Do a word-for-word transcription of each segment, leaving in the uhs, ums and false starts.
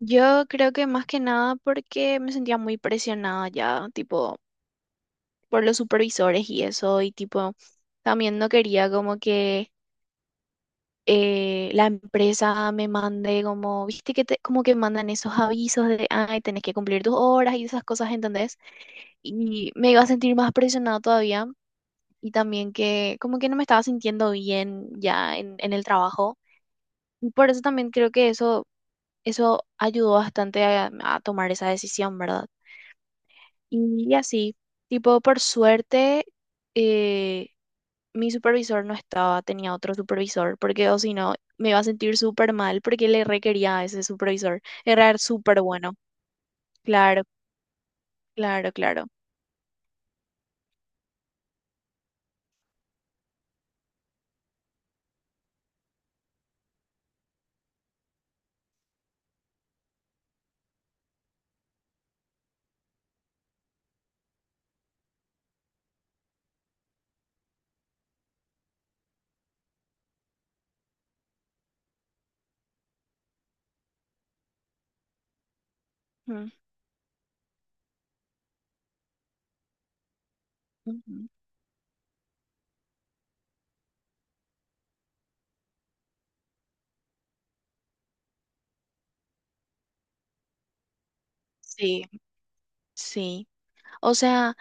Yo creo que más que nada porque me sentía muy presionada ya, tipo, por los supervisores y eso, y tipo, también no quería como que eh, la empresa me mande como, viste que te, como que mandan esos avisos de, ay, tenés que cumplir tus horas y esas cosas, ¿entendés? Y me iba a sentir más presionada todavía, y también que como que no me estaba sintiendo bien ya en, en el trabajo, y por eso también creo que eso, eso ayudó bastante a a tomar esa decisión, ¿verdad? Y así, tipo, por suerte, eh, mi supervisor no estaba, tenía otro supervisor, porque o si no, me iba a sentir súper mal porque le requería a ese supervisor. Era súper bueno. Claro, claro, claro. Mm, ujú. Sí, sí. O sea,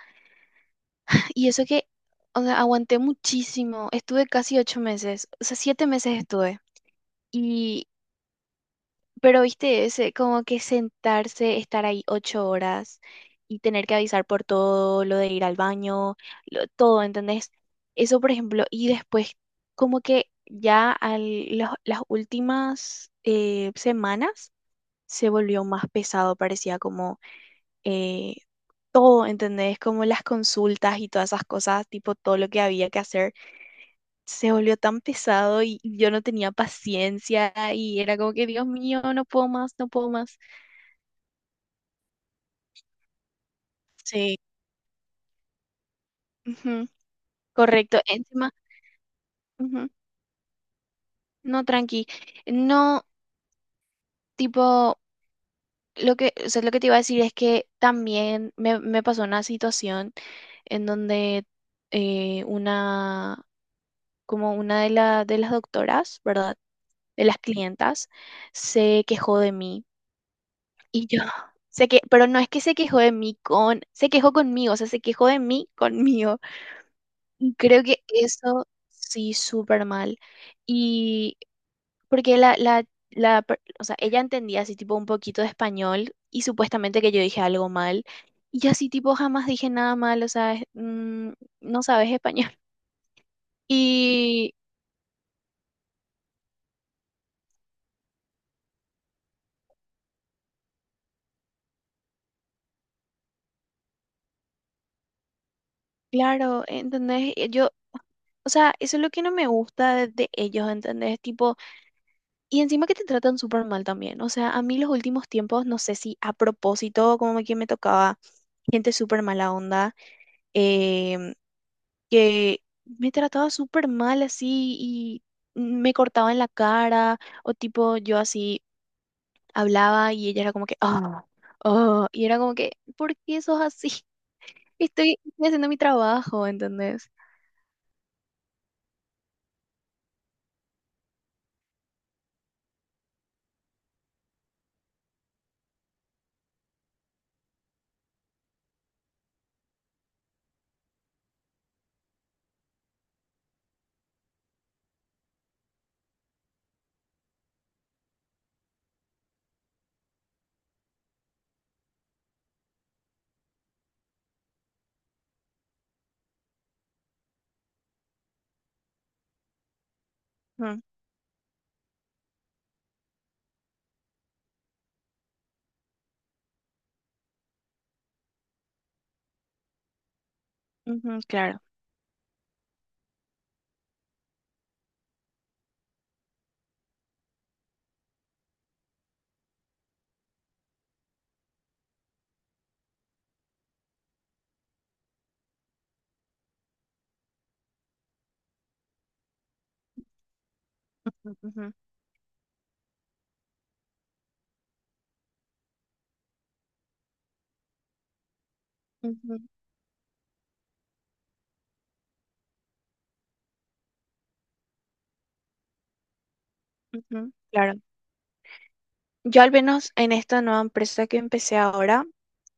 y eso que, o sea, aguanté muchísimo. Estuve casi ocho meses, o sea, siete meses estuve. y Pero viste ese, como que sentarse, estar ahí ocho horas y tener que avisar por todo, lo de ir al baño, lo- todo, ¿entendés? Eso, por ejemplo, y después, como que ya al, los- las últimas eh, semanas se volvió más pesado, parecía como eh, todo, ¿entendés? Como las consultas y todas esas cosas, tipo todo lo que había que hacer, se volvió tan pesado y yo no tenía paciencia y era como que, Dios mío, no puedo más, no puedo más. Sí, ujú, correcto. Encima, ujú, no, tranqui. No, tipo, lo que, o sea, lo que te iba a decir es que también me, me pasó una situación en donde eh, una, como una de, la, de las doctoras, ¿verdad? De las clientas, se quejó de mí. Y yo, sé que, pero no es que se quejó de mí con, se quejó conmigo, o sea, se quejó de mí conmigo. Y creo que eso sí, súper mal. Porque la, la, la, per- o sea, ella entendía así tipo un poquito de español y supuestamente que yo dije algo mal. Y yo así tipo jamás dije nada mal, o sea, es- mm, no sabes español. Y claro, ¿entendés? Eh, Yo, o sea, eso es lo que no me gusta de, de ellos, ¿entendés? Tipo, y encima que te tratan súper mal también. O sea, a mí los últimos tiempos, no sé si a propósito, como que me tocaba gente súper mala onda. em, que me trataba súper mal así y me cortaba en la cara o tipo yo así hablaba y ella era como que, ah, oh, y era como que, ¿por qué sos así? Estoy, estoy haciendo mi trabajo, ¿entendés? Ujú, ujú, claro. Ujú, ujú, ujú, claro. Yo al menos en esta nueva empresa que empecé ahora,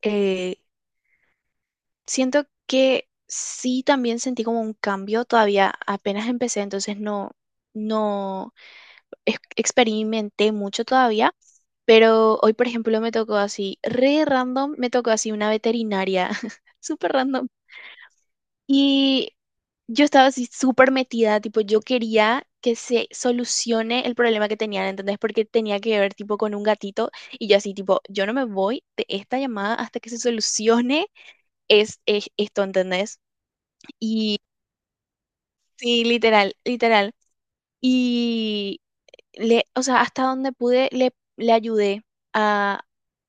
eh, siento que sí también sentí como un cambio, todavía apenas empecé, entonces no, no, ex- experimenté mucho todavía, pero hoy, por ejemplo, me tocó así, re random, me tocó así una veterinaria, súper random. Y yo estaba así súper metida, tipo, yo quería que se solucione el problema que tenían, ¿entendés? Porque tenía que ver, tipo, con un gatito y yo así, tipo, yo no me voy de esta llamada hasta que se solucione es, es esto, ¿entendés? Y sí, literal, literal. Y le, o sea, hasta donde pude, le, le ayudé a,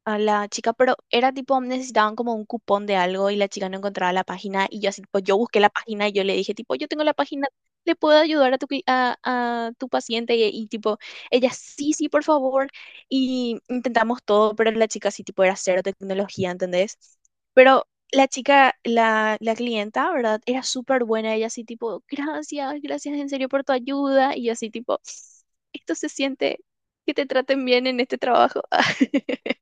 a la chica, pero era tipo, necesitaban como un cupón de algo y la chica no encontraba la página y yo así, tipo, yo busqué la página y yo le dije, tipo, yo tengo la página, ¿le puedo ayudar a tu, cli- a, a tu paciente? Y, y, tipo, ella, sí, sí, por favor. Y intentamos todo, pero la chica sí, tipo, era cero tecnología, ¿entendés? Pero... La chica, la, la clienta, ¿verdad? Era súper buena, ella así tipo, gracias, gracias en serio por tu ayuda, y yo así tipo, esto se siente que te traten bien en este trabajo.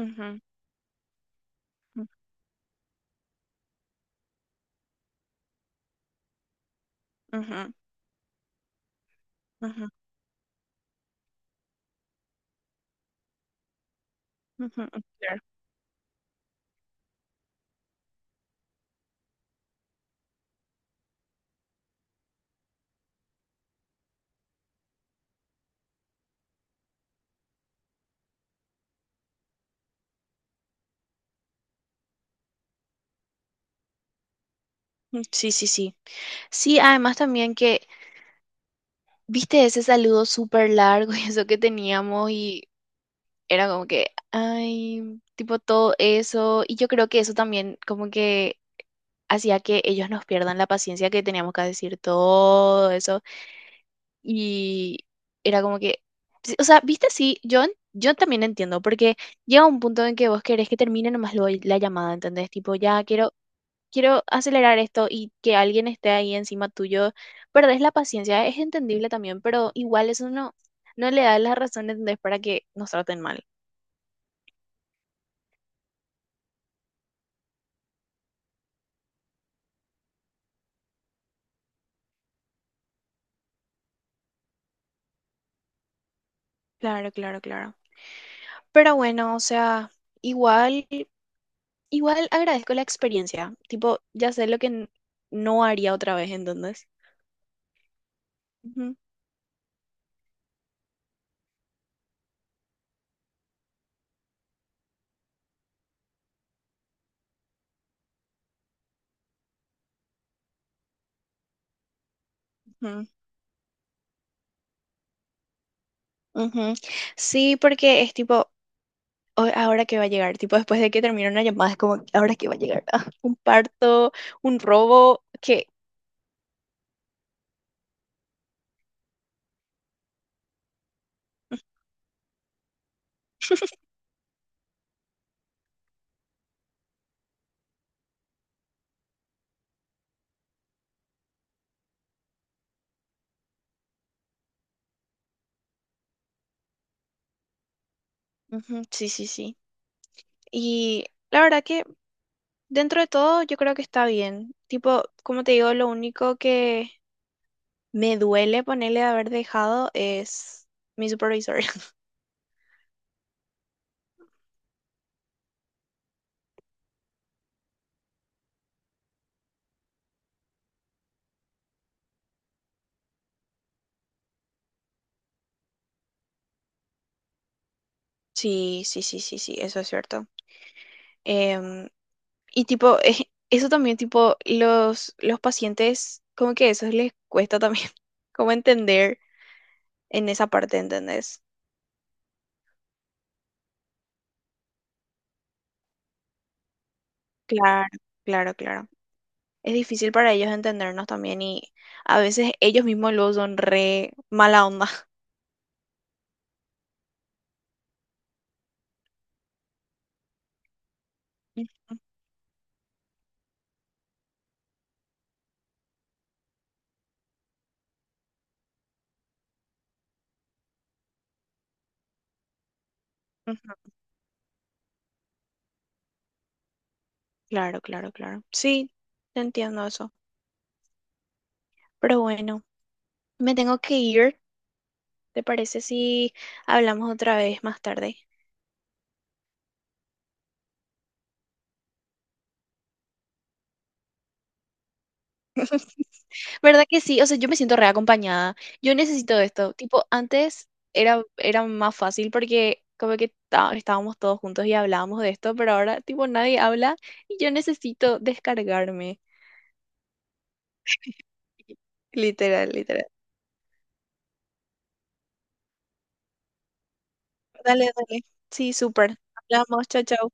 Ujú, ujú, ujú, ujú, ujú, claro. Mm, sí, sí, sí. Sí, además también que, viste ese saludo súper largo y eso que teníamos y era como que, ay, tipo todo eso. Y yo creo que eso también como que hacía que ellos nos pierdan la paciencia que teníamos que decir todo eso. Y era como que, sí, o sea, viste, sí, yo, en- yo también entiendo, porque llega un punto en que vos querés que termine nomás lo- la llamada, ¿entendés? Tipo, ya quiero, quiero acelerar esto y que alguien esté ahí encima tuyo. Perdés la paciencia, es entendible también, pero igual eso no, no le da la razón, ¿entendés? Para que nos traten mal. Claro, claro, claro. Pero bueno, o sea, igual, igual agradezco la experiencia. Tipo, ya sé lo que n- no haría otra vez, ¿entendés? Ujú, ujú. Ujú. Sí, porque es tipo, "Ay, ahora que va a llegar, tipo después de que termina una llamada, es como, ahora que va a llegar, ah, un parto, un robo, que ujú, sí, sí, sí. Y la verdad que dentro de todo yo creo que está bien. Tipo, como te digo, lo único que me duele ponerle de haber dejado es mi supervisor. Sí, sí, sí, sí, sí, eso es cierto. Em, Y tipo, eh, eso también, tipo, los, los pacientes, como que eso les cuesta también, como entender en esa parte, ¿entendés? Claro, claro, claro. Es difícil para ellos entendernos también y a veces ellos mismos luego son re mala onda. Ujú, claro, claro, claro. Sí, te entiendo eso. Pero bueno, me tengo que ir. ¿Te parece si hablamos otra vez más tarde? ¿Verdad que sí? O sea, yo me siento reacompañada. Yo necesito esto. Tipo, antes era, era más fácil porque como que ta- estábamos todos juntos y hablábamos de esto, pero ahora tipo nadie habla y yo necesito descargarme. Literal, literal. Dale, dale. Sí, súper. Hablamos, chao, chao.